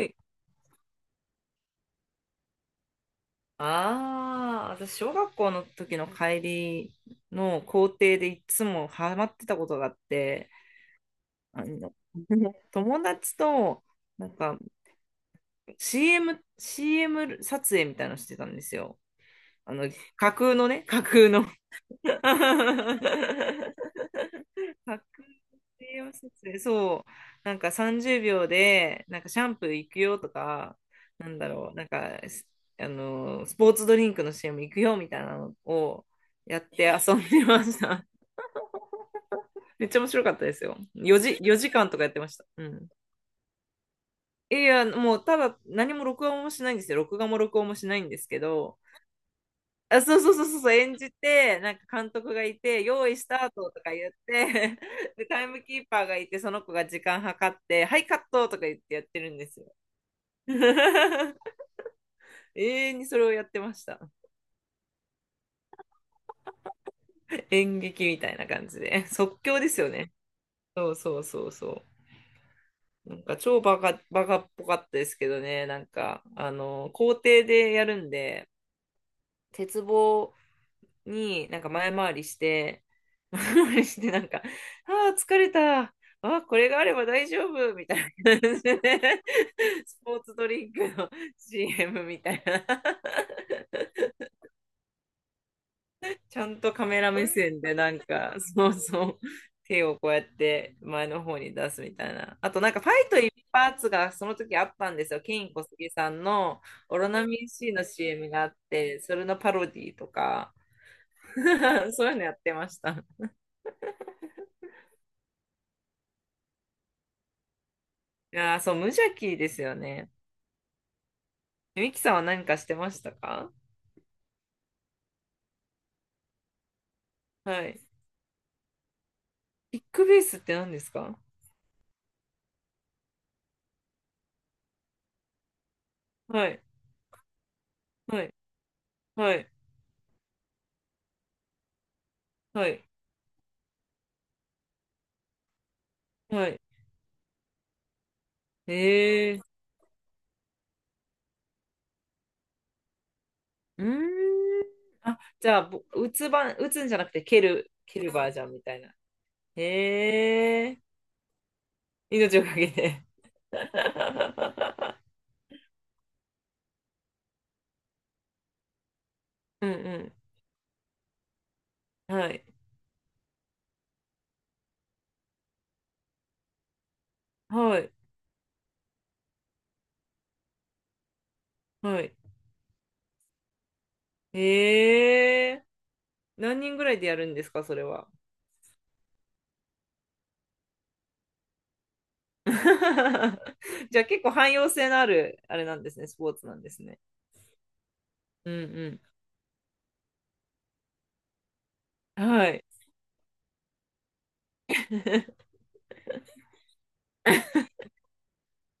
い。ああ、私、小学校の時の帰りの校庭でいつもハマってたことがあって、あの 友達と、なんか CM 撮影みたいなのしてたんですよ。あの、架空のね、架空の 確定を説明、そう、なんか30秒で、なんかシャンプー行くよとか、なんだろう、なんか、あの、スポーツドリンクの c も行くよみたいなのをやって遊んでました。めっちゃ面白かったですよ。4時、4時間とかやってました。うん。いや、もうただ何も録音もしないんですよ。録画も録音もしないんですけど、あ、そうそうそうそうそう、演じて、なんか監督がいて、用意スタートとか言って、で、タイムキーパーがいて、その子が時間計って、はい、カットとか言ってやってるんですよ。永遠にそれをやってました。演劇みたいな感じで。即興ですよね。そうそうそうそう。なんか超バカ、バカっぽかったですけどね、なんか、あの、校庭でやるんで、鉄棒になんか前回りして、前回りしてなんか、ああ、疲れた。ああ、これがあれば大丈夫みたいな感じで、スポーツドリンクの CM みたいな。ちゃんとカメラ目線でなんか、そうそう、手をこうやって前の方に出すみたいな。あとなんかファイト一発がその時あったんですよ。ケイン小杉さんのオロナミン C の CM があって、それのパロディとか、そういうのやってました。いやー、そう、無邪気ですよね。ミキさんは何かしてましたか？はい。キックベースって何ですか？はい、はい、はい、はい、はい。えー、うーん。あ、じゃあ、ぼ打つ番、打つんじゃなくて蹴るバージョンみたいな。へえー、命をかけて。うんうん。はい、はい、はい。へえー、何人ぐらいでやるんですか、それは。じゃあ結構汎用性のある、あれなんですね、スポーツなんですね。うんうん。はい。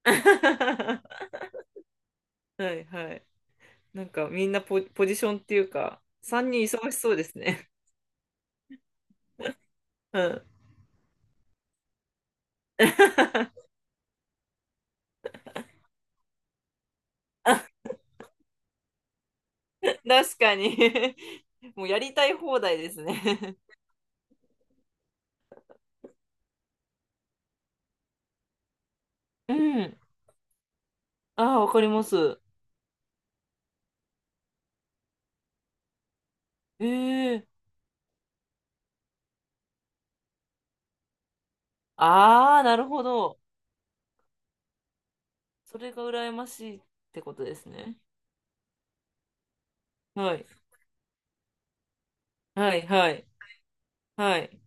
はいはい。なんかみんなポジションっていうか、3人忙しそうですね。うん。確かに もうやりたい放題ですね。うん。ああ、わかります。ええ。ああ、なるほど。それが羨ましいってことですね。はい。はい、はい、はい。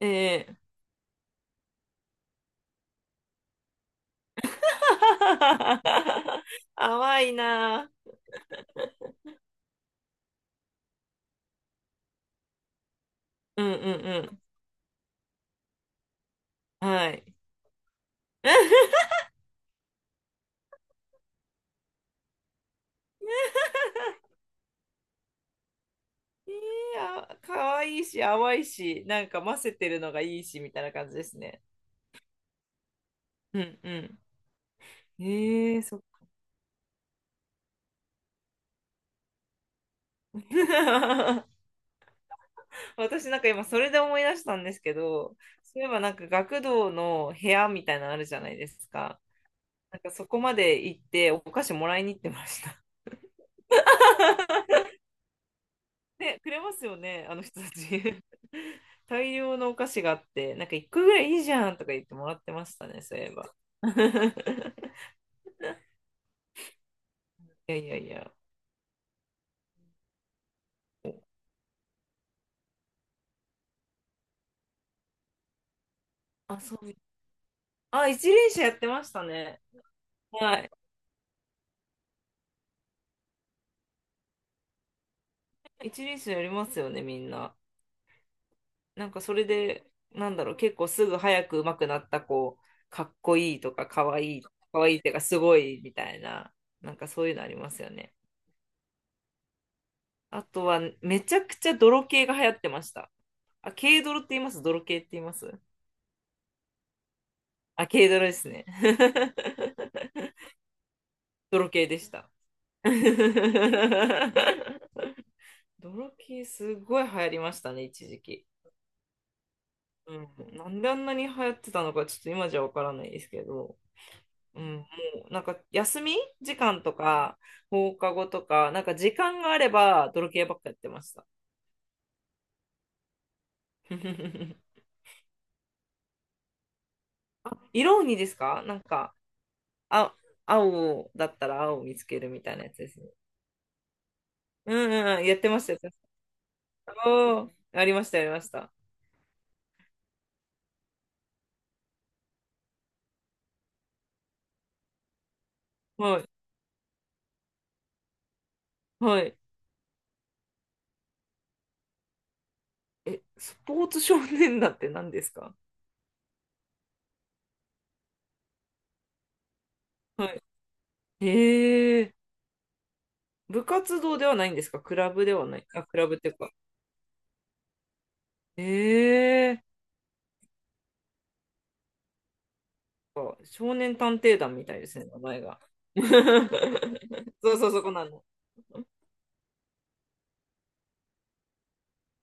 ええ 淡いな。うんうんうん。はい。いや、可愛いし、淡いし、なんか混ぜてるのがいいし、みたいな感じですね。うんうん。ええ。そっか。私なんか今それで思い出したんですけど、そういえばなんか学童の部屋みたいなのあるじゃないですか。なんかそこまで行ってお菓子もらいに行ってました。で、くれますよね、あの人たち。大量のお菓子があって、なんか一個ぐらいいいじゃんとか言ってもらってましたね、そういえば。いやいやいや。あ、そう。あ、一輪車やってましたね。はい。一輪車やりますよね、みんな。なんかそれで、なんだろう、結構すぐ早く上手くなった子、かっこいいとか、かわいい、かわいいっていうか、すごいみたいな、なんかそういうのありますよね。あとは、めちゃくちゃ泥系が流行ってました。あ、軽泥って言います？泥系って言います？あ、軽ドラですね。泥系でした。泥系すごい流行りましたね、一時期。うん、なんであんなに流行ってたのか、ちょっと今じゃわからないですけど、うん、もうなんか休み時間とか放課後とか、なんか時間があれば泥系ばっかやってました。色鬼ですか？なんか、あ、青だったら青を見つけるみたいなやつですね。うんうんうん、やってましたよ。おーありました、ありました。はいはい。え、スポーツ少年団って何ですか？はい。へ部活動ではないんですか？クラブではない。あ、クラブっていうか。へえー。あ、少年探偵団みたいですね、名前が。そうそう、そこなの。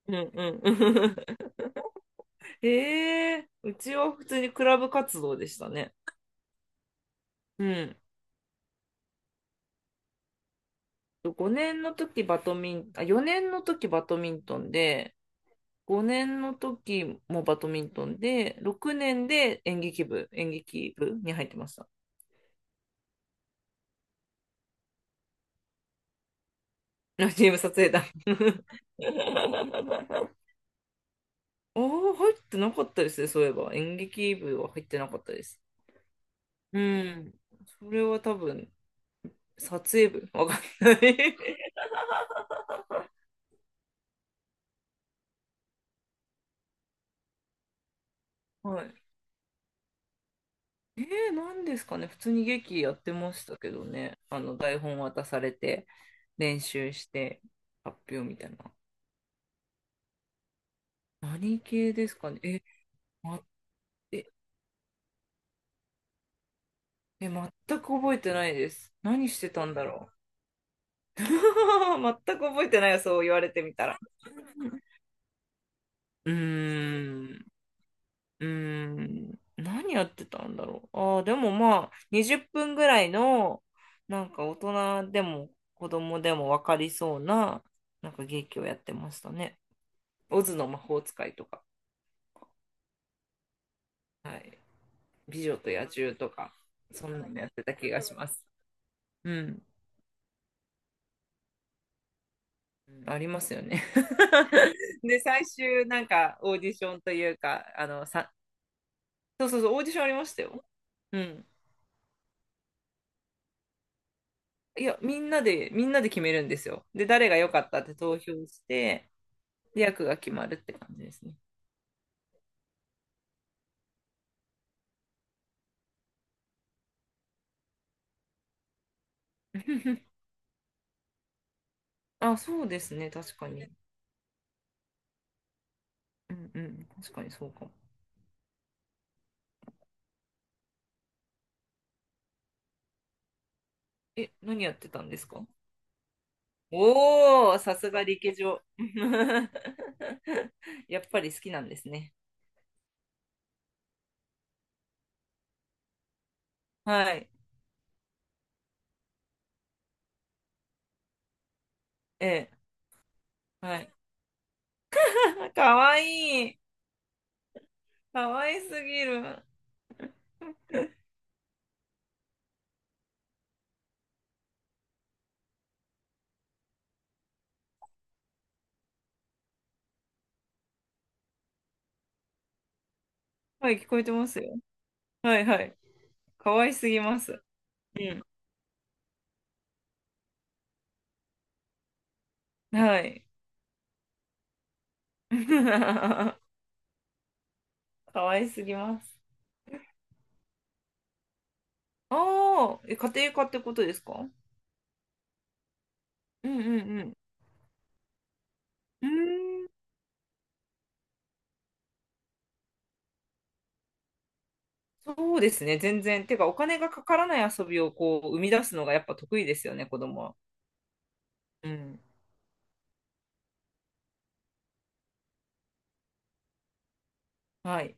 うんうん。へうちは普通にクラブ活動でしたね。うん。5年の時バドミン、あ、4年の時バドミントンで、5年の時もバドミントンで、6年で演劇部に入ってました。あ、チーム撮影団。ああ、入ってなかったですね、そういえば。演劇部は入ってなかったです。うん。それは多分、撮影部わかんない はい。えなんですかね。普通に劇やってましたけどね。台本渡されて、練習して、発表みたいな。何系ですかね。え、待っえ、全く覚えてないです。何してたんだろう。全く覚えてないよ、そう言われてみたら。うーん、うーん、何やってたんだろう。ああ、でもまあ、20分ぐらいの、なんか大人でも子供でも分かりそうな、なんか劇をやってましたね。オズの魔法使いとか、はい。美女と野獣とか、そんなのやってた気がします。うん。うん、ありますよね。で、最終、なんか、オーディションというか、そうそうそう、オーディションありましたよ。うん。いや、みんなで決めるんですよ。で、誰が良かったって投票して、で役が決まるって感じですね。あ、そうですね、確かに。うんうん、確かにそうかも。え、何やってたんですか？おー、さすがリケジョ。やっぱり好きなんですね。はい。ええ、はい。かわいい。かわいすぎる。はい、聞こえてますよ。はいはい。かわいすぎます。うん。はい。かわいすぎます。ああ、え、家庭科ってことですか？うんうんうん。うーん、そうですね、全然。てか、お金がかからない遊びをこう生み出すのがやっぱ得意ですよね、子供は。うん。はい。